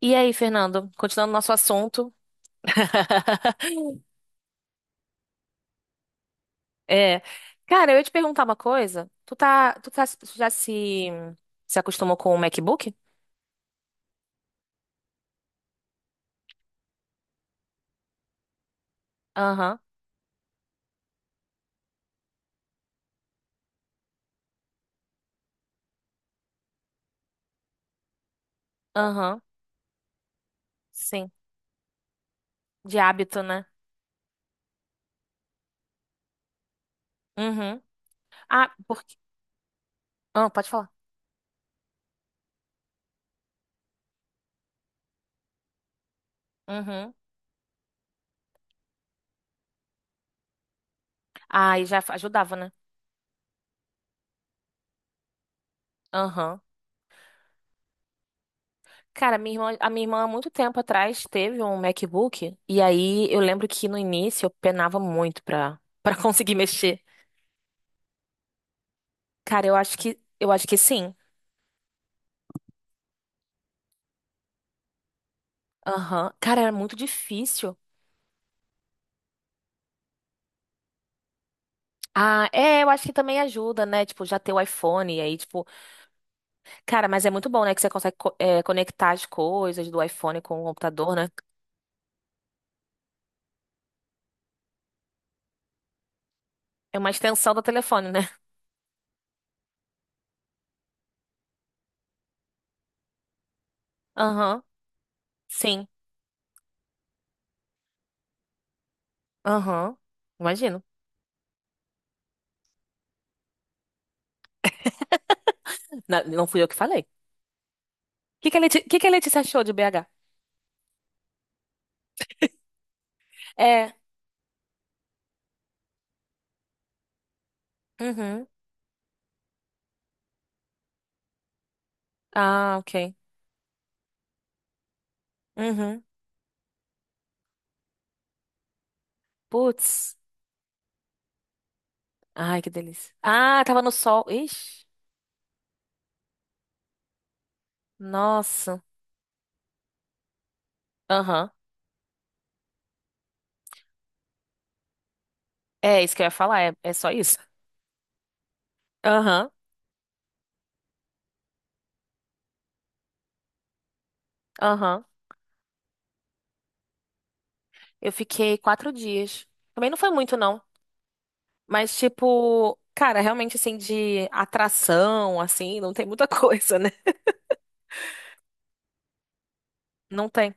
E aí, Fernando, continuando nosso assunto. É, cara, eu ia te perguntar uma coisa. Tu já se acostumou com o MacBook? Aham, aham, sim. De hábito, né? Uhum. Ah, porque. Ah, pode falar. Uhum. Ah, e já ajudava, né? Aham. Cara, a minha irmã há muito tempo atrás teve um MacBook. E aí eu lembro que no início eu penava muito pra conseguir mexer. Cara, eu acho que sim. Aham. Cara, era muito difícil. Ah, é, eu acho que também ajuda, né? Tipo, já ter o iPhone, e aí, tipo, cara, mas é muito bom, né? Que você consegue conectar as coisas do iPhone com o computador, né? É uma extensão do telefone, né? Aham, sim, aham, imagino. Não, fui eu que falei. O que que a Letícia achou de BH? É, uhum, ah, ok, uhum, putz, ai, que delícia. Ah, tava no sol, ixi, nossa, aham. É isso que eu ia falar, é só isso. Aham, aham. Eu fiquei 4 dias. Também não foi muito, não. Mas, tipo, cara, realmente, assim, de atração, assim, não tem muita coisa, né? Não tem.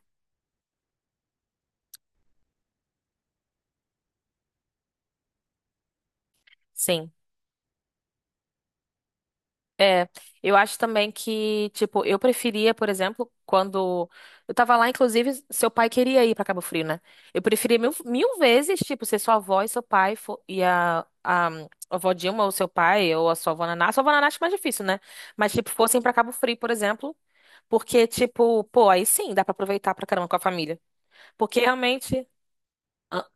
Sim. É, eu acho também que, tipo, eu preferia, por exemplo, quando eu tava lá, inclusive, seu pai queria ir pra Cabo Frio, né? Eu preferia mil, mil vezes, tipo, ser sua avó e seu pai e a avó Dilma ou seu pai ou a sua avó Naná. A sua avó Naná acho mais difícil, né? Mas, tipo, fossem pra Cabo Frio, por exemplo, porque, tipo, pô, aí sim dá pra aproveitar pra caramba com a família. Porque realmente. Ah,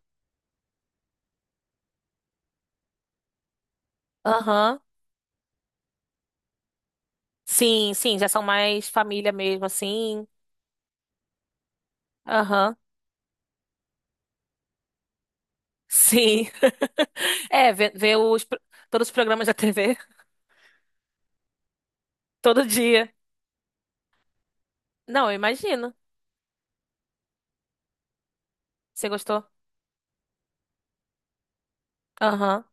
aham. Sim, sim, já são mais família mesmo, assim. Aham. Sim. É, ver todos os programas da TV, todo dia. Não, eu imagino. Você gostou? Aham.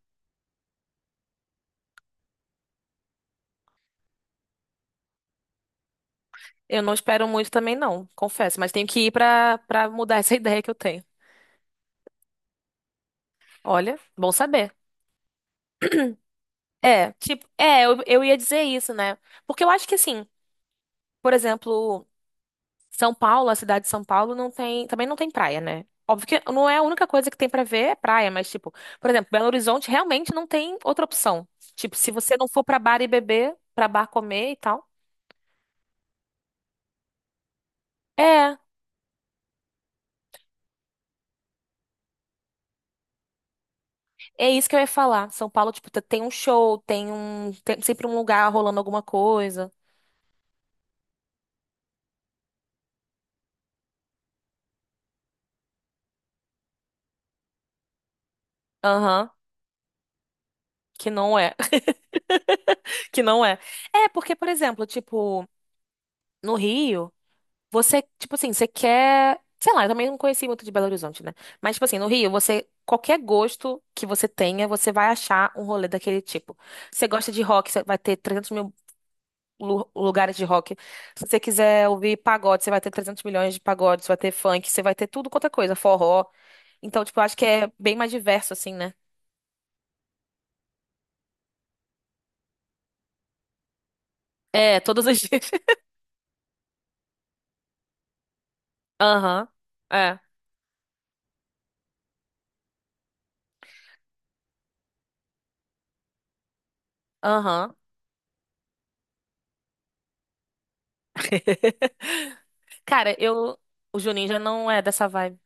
Eu não espero muito também, não, confesso. Mas tenho que ir pra mudar essa ideia que eu tenho. Olha, bom saber. É, tipo, eu ia dizer isso, né? Porque eu acho que assim, por exemplo. São Paulo, a cidade de São Paulo, também não tem praia, né? Óbvio que não é a única coisa que tem pra ver é praia, mas, tipo, por exemplo, Belo Horizonte realmente não tem outra opção. Tipo, se você não for pra bar e beber, pra bar comer e tal. É, é isso que eu ia falar. São Paulo, tipo, tem um show, tem sempre um lugar rolando alguma coisa. Aham, que não é, que não é. É, porque, por exemplo, tipo, no Rio. Você, tipo assim, você quer. Sei lá, eu também não conheci muito de Belo Horizonte, né? Mas, tipo assim, no Rio, você. Qualquer gosto que você tenha, você vai achar um rolê daquele tipo. Você gosta de rock, você vai ter 300 mil lugares de rock. Se você quiser ouvir pagode, você vai ter 300 milhões de pagodes, você vai ter funk, você vai ter tudo quanto é coisa, forró. Então, tipo, eu acho que é bem mais diverso, assim, né? É, todos os dias. Aham. É. Aham. Cara, eu. O Juninho já não é dessa vibe.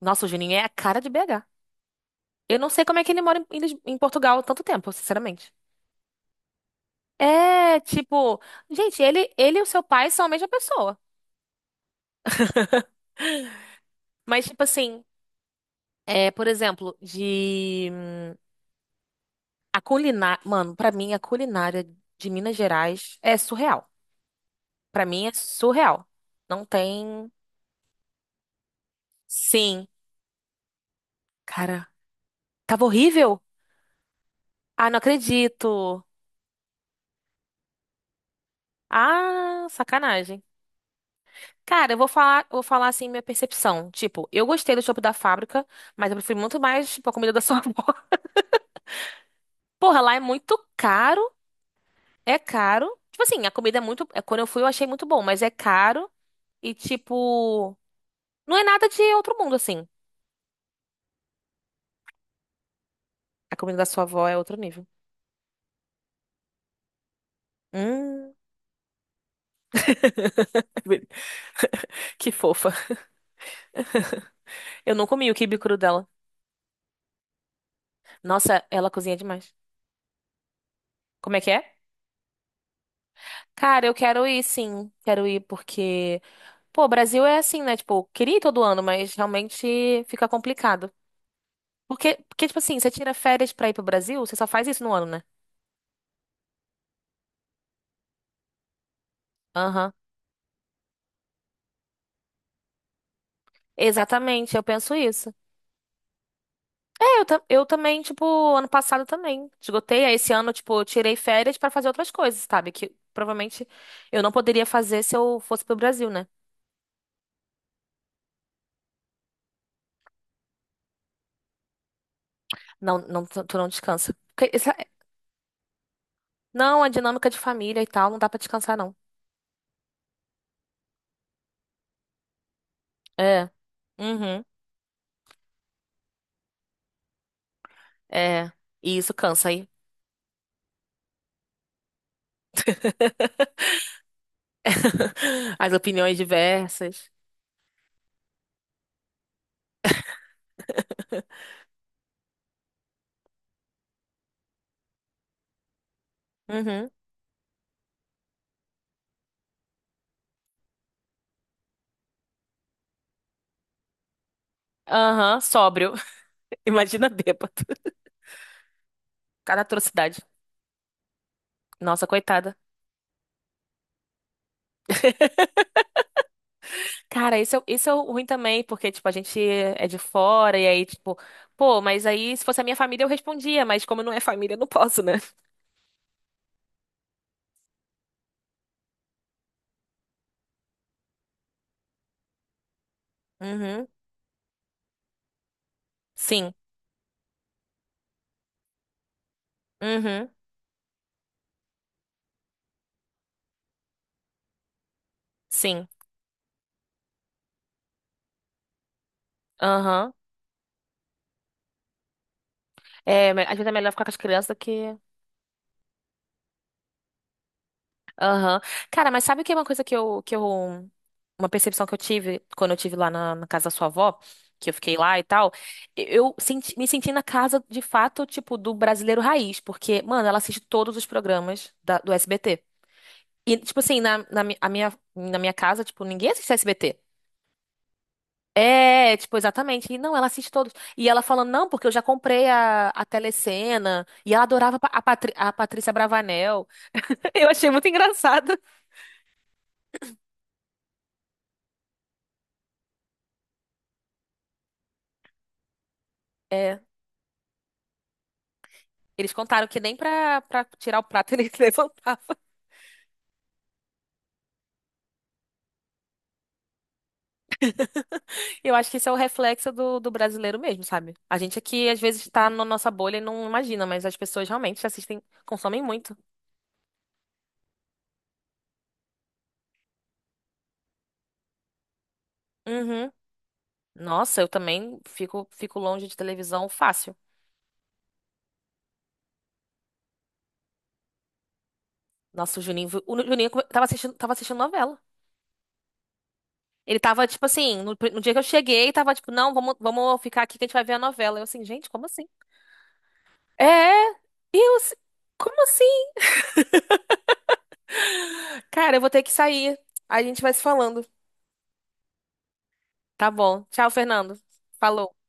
Nossa, o Juninho é a cara de BH. Eu não sei como é que ele mora em Portugal tanto tempo, sinceramente. É, tipo, gente, ele e o seu pai são a mesma pessoa. Mas, tipo assim, por exemplo, de. A culinária. Mano, pra mim, a culinária de Minas Gerais é surreal. Pra mim, é surreal. Não tem. Sim. Cara, tava horrível? Ah, não acredito. Ah, sacanagem. Cara, eu vou falar, assim minha percepção. Tipo, eu gostei do chopp da fábrica, mas eu prefiro muito mais, tipo, a comida da sua avó. Porra, lá é muito caro. É caro. Tipo assim, a comida é muito. Quando eu fui, eu achei muito bom, mas é caro. E, tipo, não é nada de outro mundo, assim. A comida da sua avó é outro nível. Hum. Que fofa. Eu não comi o quibe cru dela. Nossa, ela cozinha demais. Como é que é? Cara, eu quero ir, sim. Quero ir porque. Pô, o Brasil é assim, né? Tipo, queria ir todo ano, mas realmente fica complicado. Porque, tipo assim, você tira férias pra ir pro Brasil, você só faz isso no ano, né? Aham. Exatamente, eu penso isso. É, eu também, tipo, ano passado também. Esgotei, aí esse ano, tipo, eu tirei férias pra fazer outras coisas, sabe? Que provavelmente eu não poderia fazer se eu fosse pro Brasil, né? Não, não, tu não descansa. Porque não, a dinâmica de família e tal, não dá pra descansar, não. É. Uhum. É. E isso cansa aí. As opiniões diversas. Uhum. Aham, sóbrio. Imagina bêbado. Cada atrocidade. Nossa, coitada. Cara, isso é ruim também, porque, tipo, a gente é de fora, e aí, tipo, pô, mas aí se fosse a minha família eu respondia, mas como não é família, eu não posso, né? Uhum. Sim. Uhum. Sim. Aham. É, às vezes é melhor ficar com as crianças do que. Aham. Cara, mas sabe o que é uma coisa que eu. Uma percepção que eu tive quando eu tive lá na casa da sua avó, que eu fiquei lá e tal. Me senti na casa, de fato, tipo, do brasileiro raiz, porque, mano, ela assiste todos os programas do SBT. E, tipo assim, na minha casa, tipo, ninguém assiste SBT. É, tipo, exatamente. E não, ela assiste todos. E ela falando, não, porque eu já comprei a Telecena. E ela adorava a Patrícia Bravanel. Eu achei muito engraçado. É. Eles contaram que nem pra tirar o prato eles levantavam. Eu acho que isso é o reflexo do brasileiro mesmo, sabe? A gente aqui, às vezes, tá na nossa bolha e não imagina, mas as pessoas realmente assistem, consomem muito. Uhum. Nossa, eu também fico longe de televisão fácil. Nossa, o Juninho tava assistindo novela. Ele tava, tipo assim, no dia que eu cheguei, tava tipo, não, vamos ficar aqui que a gente vai ver a novela. Eu assim, gente, como assim? É, eu, assim, como assim? Cara, eu vou ter que sair. A gente vai se falando. Tá bom. Tchau, Fernando. Falou.